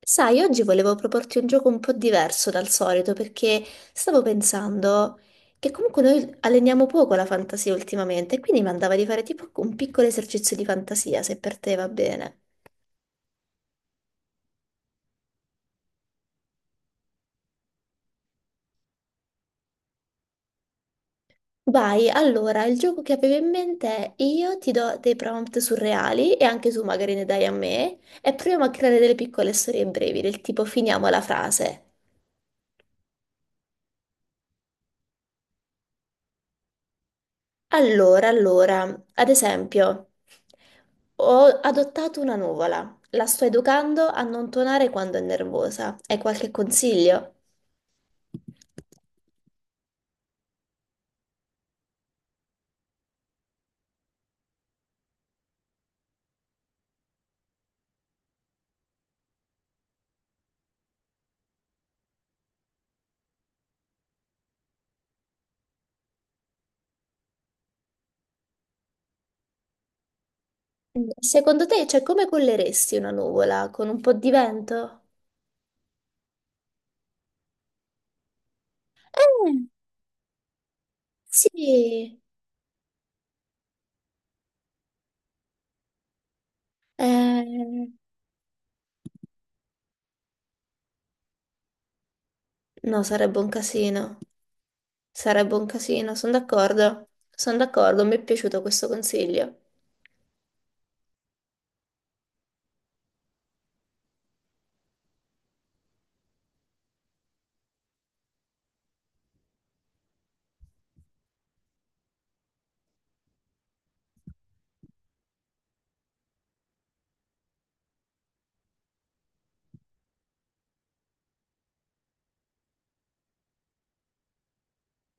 Sai, oggi volevo proporti un gioco un po' diverso dal solito perché stavo pensando che comunque noi alleniamo poco la fantasia ultimamente, e quindi mi andava di fare tipo un piccolo esercizio di fantasia, se per te va bene. Vai, allora, il gioco che avevo in mente è io ti do dei prompt surreali e anche tu magari ne dai a me e proviamo a creare delle piccole storie brevi, del tipo finiamo la frase. Allora, allora, ad esempio, ho adottato una nuvola, la sto educando a non tonare quando è nervosa. Hai qualche consiglio? Secondo te, cioè, come colleresti una nuvola? Con un po' di vento? Eh, Sì, eh, no, sarebbe un casino. Sarebbe un casino, sono d'accordo. Sono d'accordo, mi è piaciuto questo consiglio.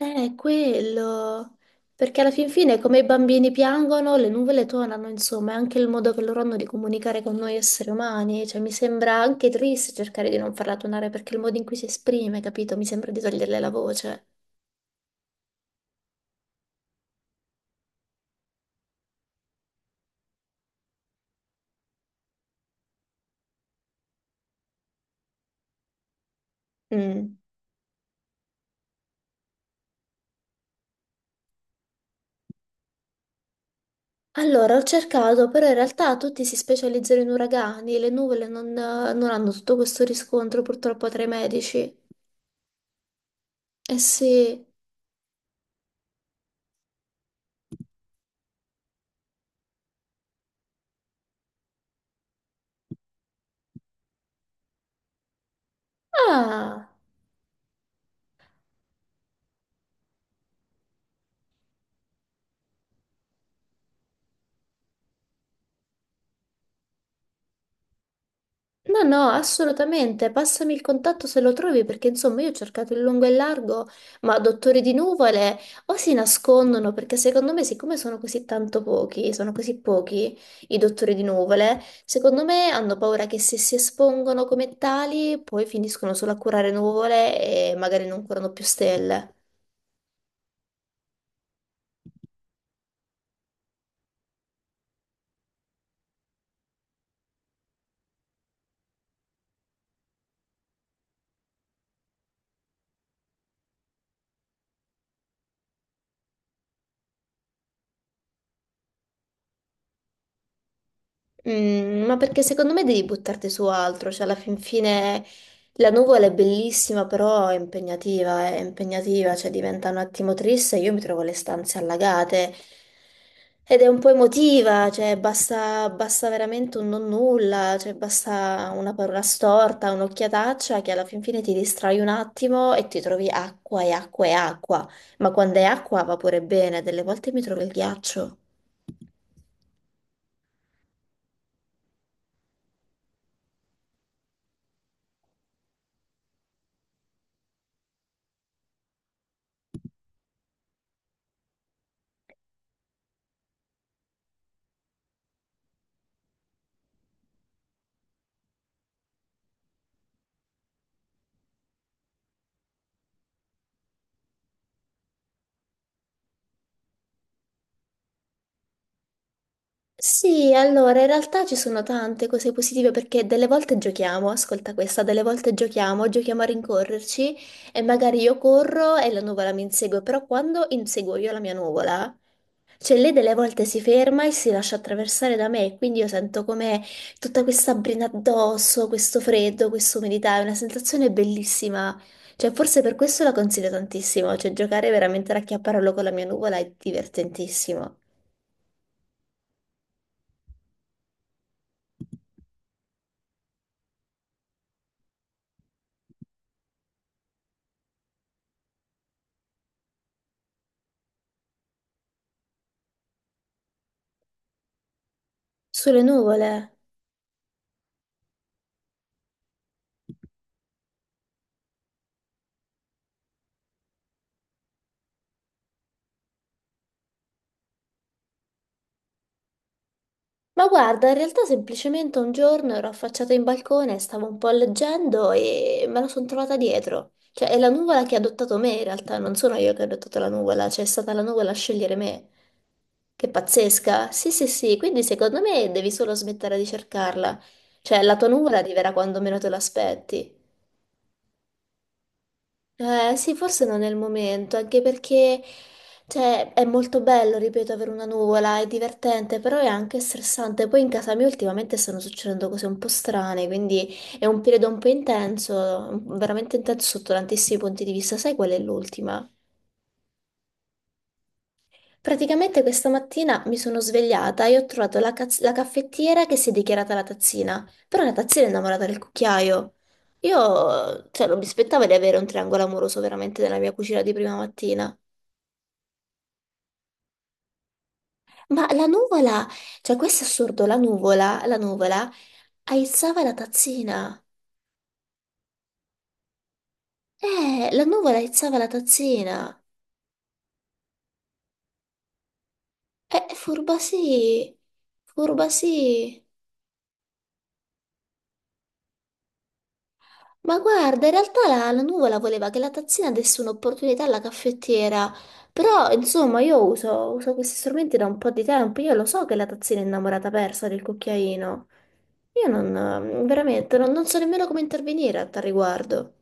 Quello, perché alla fin fine come i bambini piangono, le nuvole tonano, insomma, è anche il modo che loro hanno di comunicare con noi esseri umani, cioè mi sembra anche triste cercare di non farla tonare perché il modo in cui si esprime, capito? Mi sembra di toglierle la voce. Mm. Allora, ho cercato, però in realtà tutti si specializzano in uragani, le nuvole non hanno tutto questo riscontro purtroppo tra i medici. Eh sì. Ah! No, no, assolutamente. Passami il contatto se lo trovi, perché insomma io ho cercato in lungo e in largo, ma dottori di nuvole o si nascondono, perché secondo me, siccome sono così tanto pochi, sono così pochi i dottori di nuvole, secondo me hanno paura che se si espongono come tali, poi finiscono solo a curare nuvole e magari non curano più stelle. Mm, ma perché secondo me devi buttarti su altro, cioè alla fin fine la nuvola è bellissima, però è impegnativa, cioè diventa un attimo triste, io mi trovo le stanze allagate ed è un po' emotiva, cioè basta, basta veramente un non nulla, cioè basta una parola storta, un'occhiataccia che alla fin fine ti distrai un attimo e ti trovi acqua e acqua e acqua, ma quando è acqua va pure bene, delle volte mi trovo il ghiaccio. Sì, allora, in realtà ci sono tante cose positive perché delle volte giochiamo, ascolta questa, delle volte giochiamo, giochiamo a rincorrerci e magari io corro e la nuvola mi insegue, però quando inseguo io la mia nuvola, cioè lei delle volte si ferma e si lascia attraversare da me, quindi io sento come tutta questa brina addosso, questo freddo, questa umidità, è una sensazione bellissima. Cioè, forse per questo la consiglio tantissimo, cioè giocare veramente a racchiapparello con la mia nuvola è divertentissimo. Sulle nuvole. Ma guarda, in realtà semplicemente un giorno ero affacciata in balcone, stavo un po' leggendo e me la sono trovata dietro. Cioè, è la nuvola che ha adottato me, in realtà, non sono io che ho adottato la nuvola, cioè è stata la nuvola a scegliere me. Che pazzesca! Sì, sì, sì, quindi secondo me devi solo smettere di cercarla. Cioè, la tua nuvola arriverà quando meno te l'aspetti. Sì, forse non è il momento, anche perché cioè, è molto bello, ripeto, avere una nuvola, è divertente, però è anche stressante. Poi in casa mia ultimamente stanno succedendo cose un po' strane, quindi è un periodo un po' intenso, veramente intenso sotto tantissimi punti di vista. Sai qual è l'ultima? Praticamente questa mattina mi sono svegliata e ho trovato la, la caffettiera che si è dichiarata la tazzina, però la tazzina è innamorata del cucchiaio. Io, cioè, non mi aspettavo di avere un triangolo amoroso veramente nella mia cucina di prima mattina. Ma la nuvola, cioè questo è assurdo, la nuvola aizzava la tazzina. La nuvola aizzava la tazzina. Furba sì, furba sì. Ma guarda, in realtà la nuvola voleva che la tazzina desse un'opportunità alla caffettiera. Però, insomma, uso questi strumenti da un po' di tempo. Io lo so che la tazzina è innamorata persa del cucchiaino. Io non, veramente, non so nemmeno come intervenire a tal riguardo.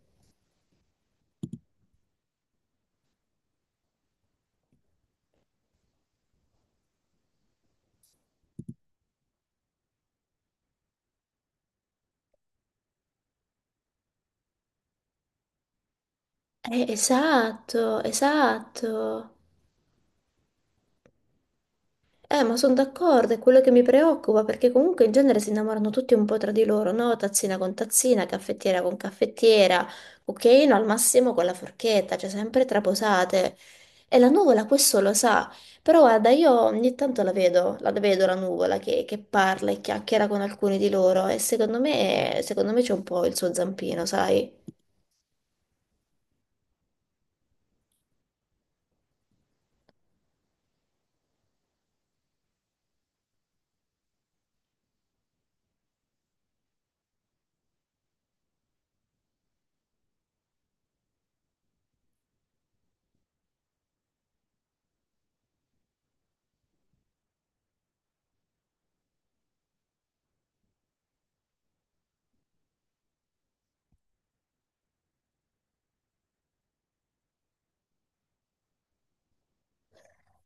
Esatto, esatto. Ma sono d'accordo, è quello che mi preoccupa, perché comunque in genere si innamorano tutti un po' tra di loro, no? Tazzina con tazzina, caffettiera con caffettiera, cucchiaino al massimo con la forchetta, cioè sempre traposate. E la nuvola questo lo sa, però guarda, io ogni tanto la vedo, la nuvola che parla e chiacchiera con alcuni di loro e secondo me c'è un po' il suo zampino, sai?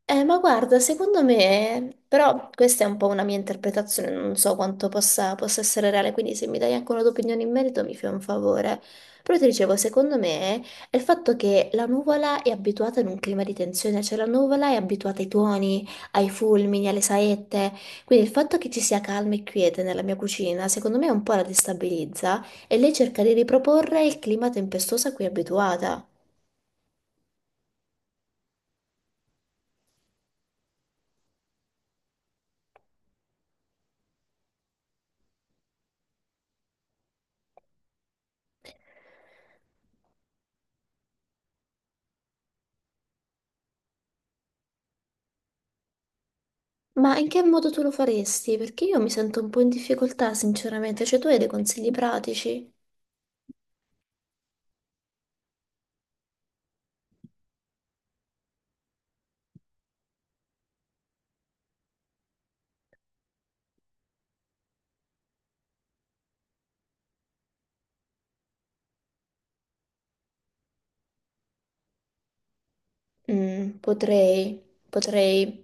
Ma guarda, secondo me, però questa è un po' una mia interpretazione, non so possa essere reale, quindi se mi dai anche una tua opinione in merito mi fai un favore. Però ti dicevo, secondo me è il fatto che la nuvola è abituata in un clima di tensione, cioè la nuvola è abituata ai tuoni, ai fulmini, alle saette, quindi il fatto che ci sia calma e quiete nella mia cucina, secondo me un po' la destabilizza e lei cerca di riproporre il clima tempestoso a cui è abituata. Ma in che modo tu lo faresti? Perché io mi sento un po' in difficoltà, sinceramente. Cioè, tu hai dei consigli pratici? Mm, potrei,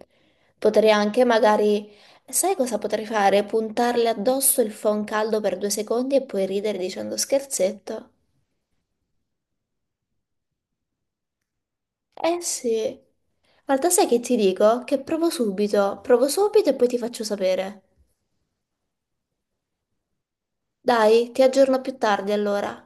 potrei anche magari, sai cosa potrei fare? Puntarle addosso il phon caldo per 2 secondi e poi ridere dicendo scherzetto. Eh sì. Guarda, sai che ti dico? Che provo subito e poi ti faccio sapere. Dai, ti aggiorno più tardi allora.